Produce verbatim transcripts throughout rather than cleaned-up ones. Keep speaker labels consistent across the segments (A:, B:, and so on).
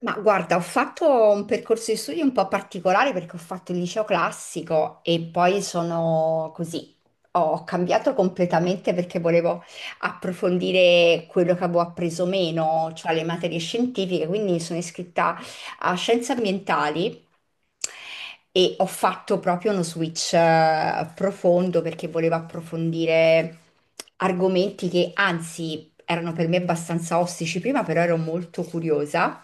A: Ma guarda, ho fatto un percorso di studi un po' particolare perché ho fatto il liceo classico e poi sono così. Ho cambiato completamente perché volevo approfondire quello che avevo appreso meno, cioè le materie scientifiche, quindi sono iscritta a scienze ambientali e ho fatto proprio uno switch eh, profondo perché volevo approfondire argomenti che anzi erano per me abbastanza ostici prima, però ero molto curiosa.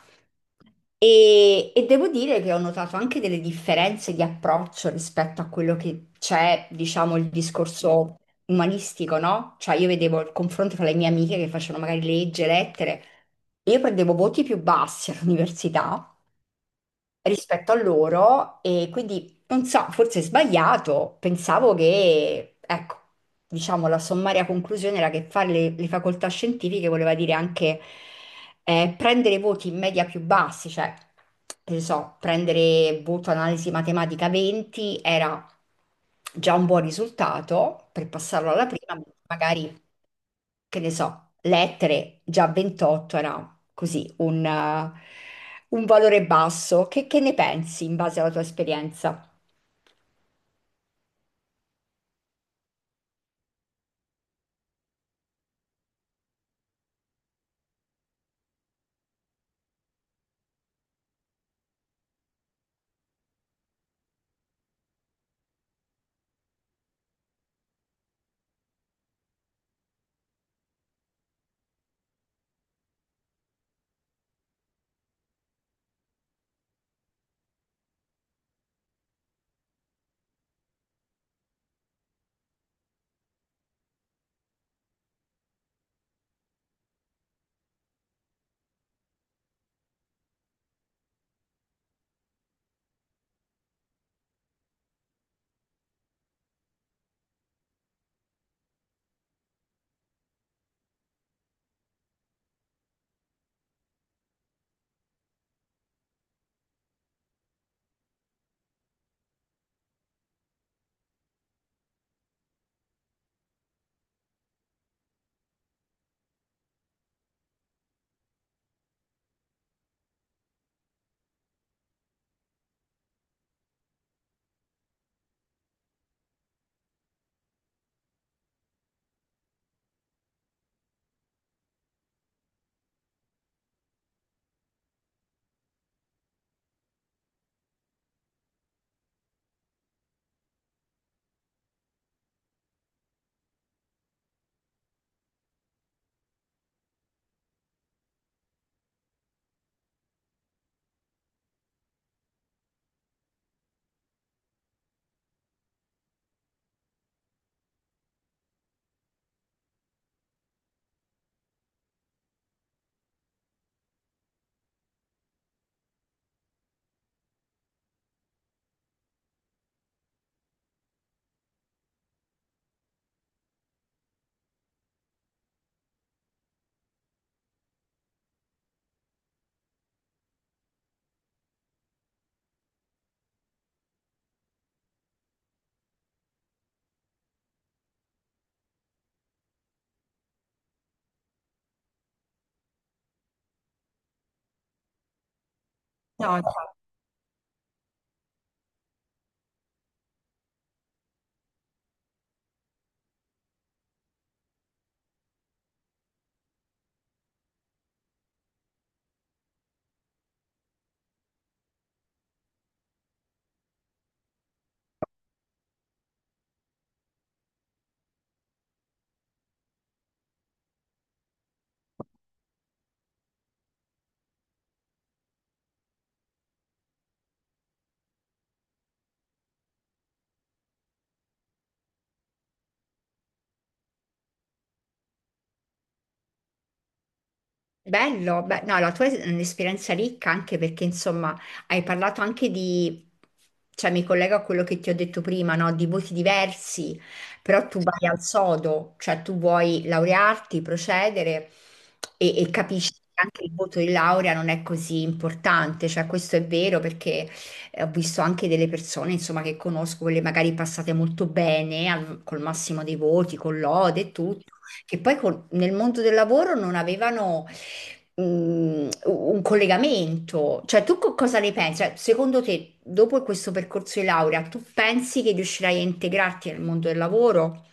A: E, e devo dire che ho notato anche delle differenze di approccio rispetto a quello che c'è, diciamo, il discorso umanistico, no? Cioè io vedevo il confronto tra le mie amiche che facevano magari legge, lettere, e io prendevo voti più bassi all'università rispetto a loro e quindi non so, forse è sbagliato, pensavo che, ecco, diciamo la sommaria conclusione era che fare le, le facoltà scientifiche voleva dire anche eh, prendere voti in media più bassi, cioè, che ne so, prendere voto analisi matematica venti era già un buon risultato per passarlo alla prima, magari che ne so, lettere, già ventotto era così un, eh, un valore basso. Che, che ne pensi in base alla tua esperienza? No, infatti. Bello, beh, no, la tua è un'esperienza ricca anche perché insomma hai parlato anche di, cioè mi collego a quello che ti ho detto prima, no? Di voti diversi, però tu vai al sodo, cioè tu vuoi laurearti, procedere e, e capisci che anche il voto di laurea non è così importante, cioè questo è vero perché eh, ho visto anche delle persone insomma che conosco, quelle magari passate molto bene al- col massimo dei voti, con lode e tutto, che poi col- nel mondo del lavoro non avevano mm, un collegamento. Cioè, tu co- cosa ne pensi? Cioè, secondo te, dopo questo percorso di laurea, tu pensi che riuscirai a integrarti nel mondo del lavoro?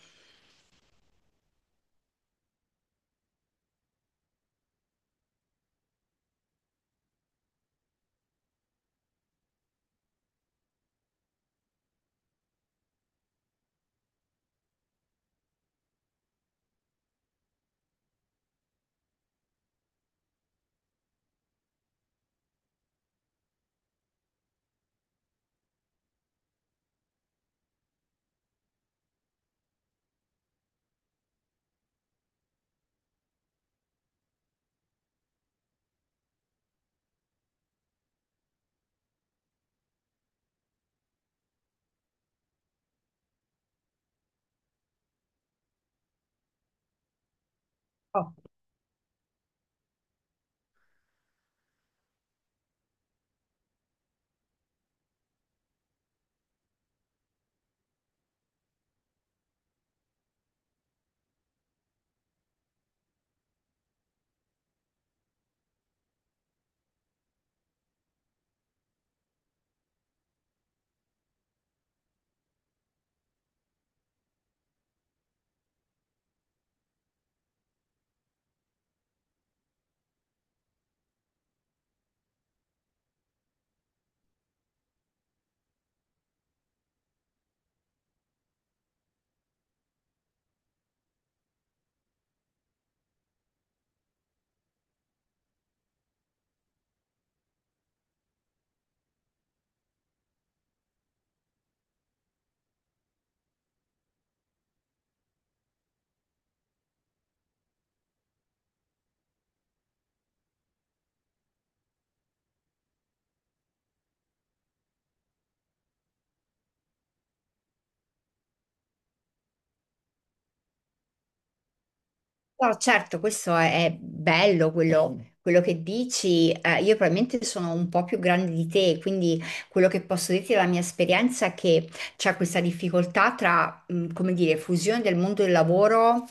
A: No, certo, questo è, è bello quello, quello che dici. Eh, io probabilmente sono un po' più grande di te, quindi quello che posso dirti dalla mia esperienza è che c'è questa difficoltà tra, mh, come dire, fusione del mondo del lavoro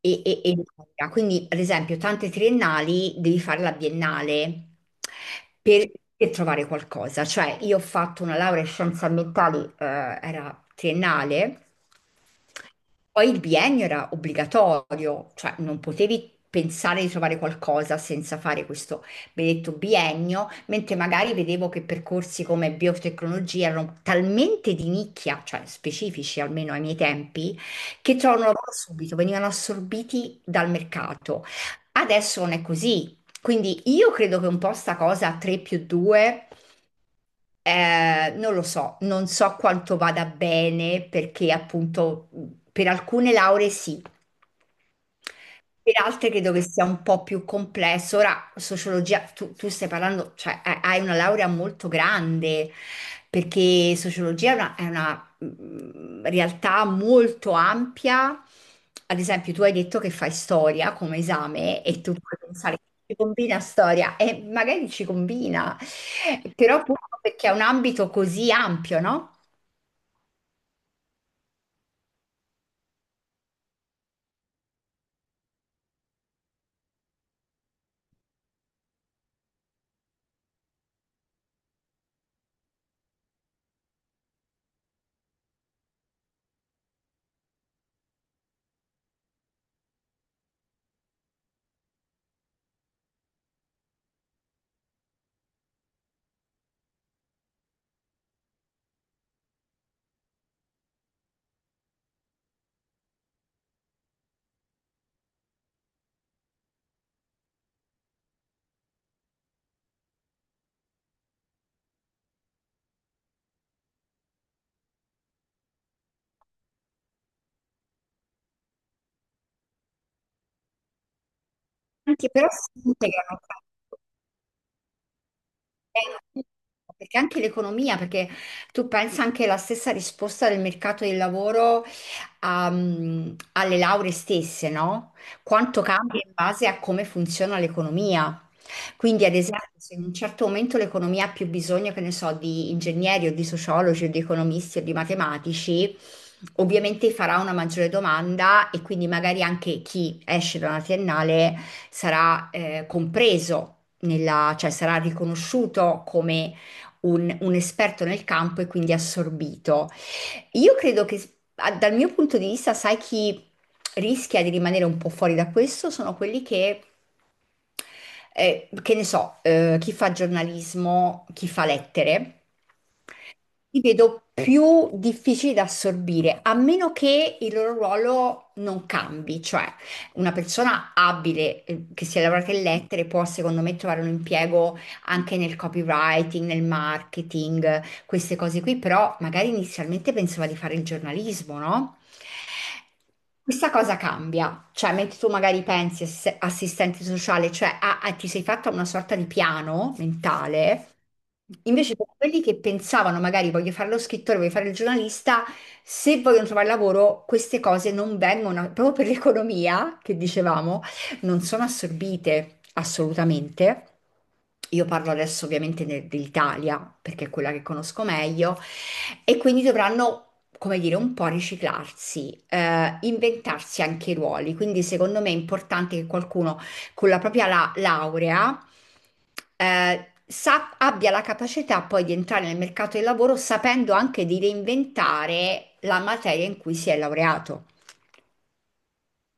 A: e, e, e... l'università. Quindi, ad esempio, tante triennali devi fare la biennale per, per trovare qualcosa. Cioè, io ho fatto una laurea in scienze ambientali, eh, era triennale. Poi il biennio era obbligatorio, cioè non potevi pensare di trovare qualcosa senza fare questo benedetto biennio, mentre magari vedevo che percorsi come biotecnologia erano talmente di nicchia, cioè specifici almeno ai miei tempi, che trovano lavoro subito, venivano assorbiti dal mercato. Adesso non è così. Quindi io credo che un po' sta cosa tre più due eh, non lo so, non so quanto vada bene perché appunto mh, per alcune lauree sì, per altre credo che sia un po' più complesso. Ora, sociologia, tu, tu stai parlando, cioè ha- hai una laurea molto grande, perché sociologia è una, è una, mm, realtà molto ampia. Ad esempio, tu hai detto che fai storia come esame e tu puoi pensare che ci combina storia e magari ci combina, però appunto perché è un ambito così ampio, no? Anche però si integrano. Eh, Perché anche l'economia, perché tu pensa anche la stessa risposta del mercato del lavoro ehm, alle lauree stesse, no? Quanto cambia in base a come funziona l'economia. Quindi, ad esempio, se in un certo momento l'economia ha più bisogno, che ne so, di ingegneri o di sociologi o di economisti o di matematici, ovviamente farà una maggiore domanda e quindi magari anche chi esce da una triennale sarà eh, compreso nella- cioè sarà riconosciuto come un, un esperto nel campo e quindi assorbito. Io credo che s- a- dal mio punto di vista, sai chi rischia di rimanere un po' fuori da questo? Sono quelli che eh, che ne so, eh, chi fa giornalismo, chi fa lettere. Li vedo più difficili da assorbire, a meno che il loro ruolo non cambi, cioè una persona abile eh, che sia laureata in lettere può secondo me trovare un impiego anche nel copywriting, nel marketing, queste cose qui, però magari inizialmente pensava di fare il giornalismo, no? Questa cosa cambia, cioè mentre tu magari pensi ass- assistente sociale, cioè ah, ah, ti sei fatta una sorta di piano mentale, invece per quelli che pensavano magari voglio fare lo scrittore, voglio fare il giornalista, se vogliono trovare lavoro queste cose non vengono, proprio per l'economia che dicevamo, non sono assorbite assolutamente. Io parlo adesso ovviamente de- dell'Italia, perché è quella che conosco meglio, e quindi dovranno, come dire, un po' riciclarsi, eh, inventarsi anche i ruoli. Quindi secondo me è importante che qualcuno con la propria la- laurea eh, sa- abbia la capacità poi di entrare nel mercato del lavoro sapendo anche di reinventare la materia in cui si è laureato.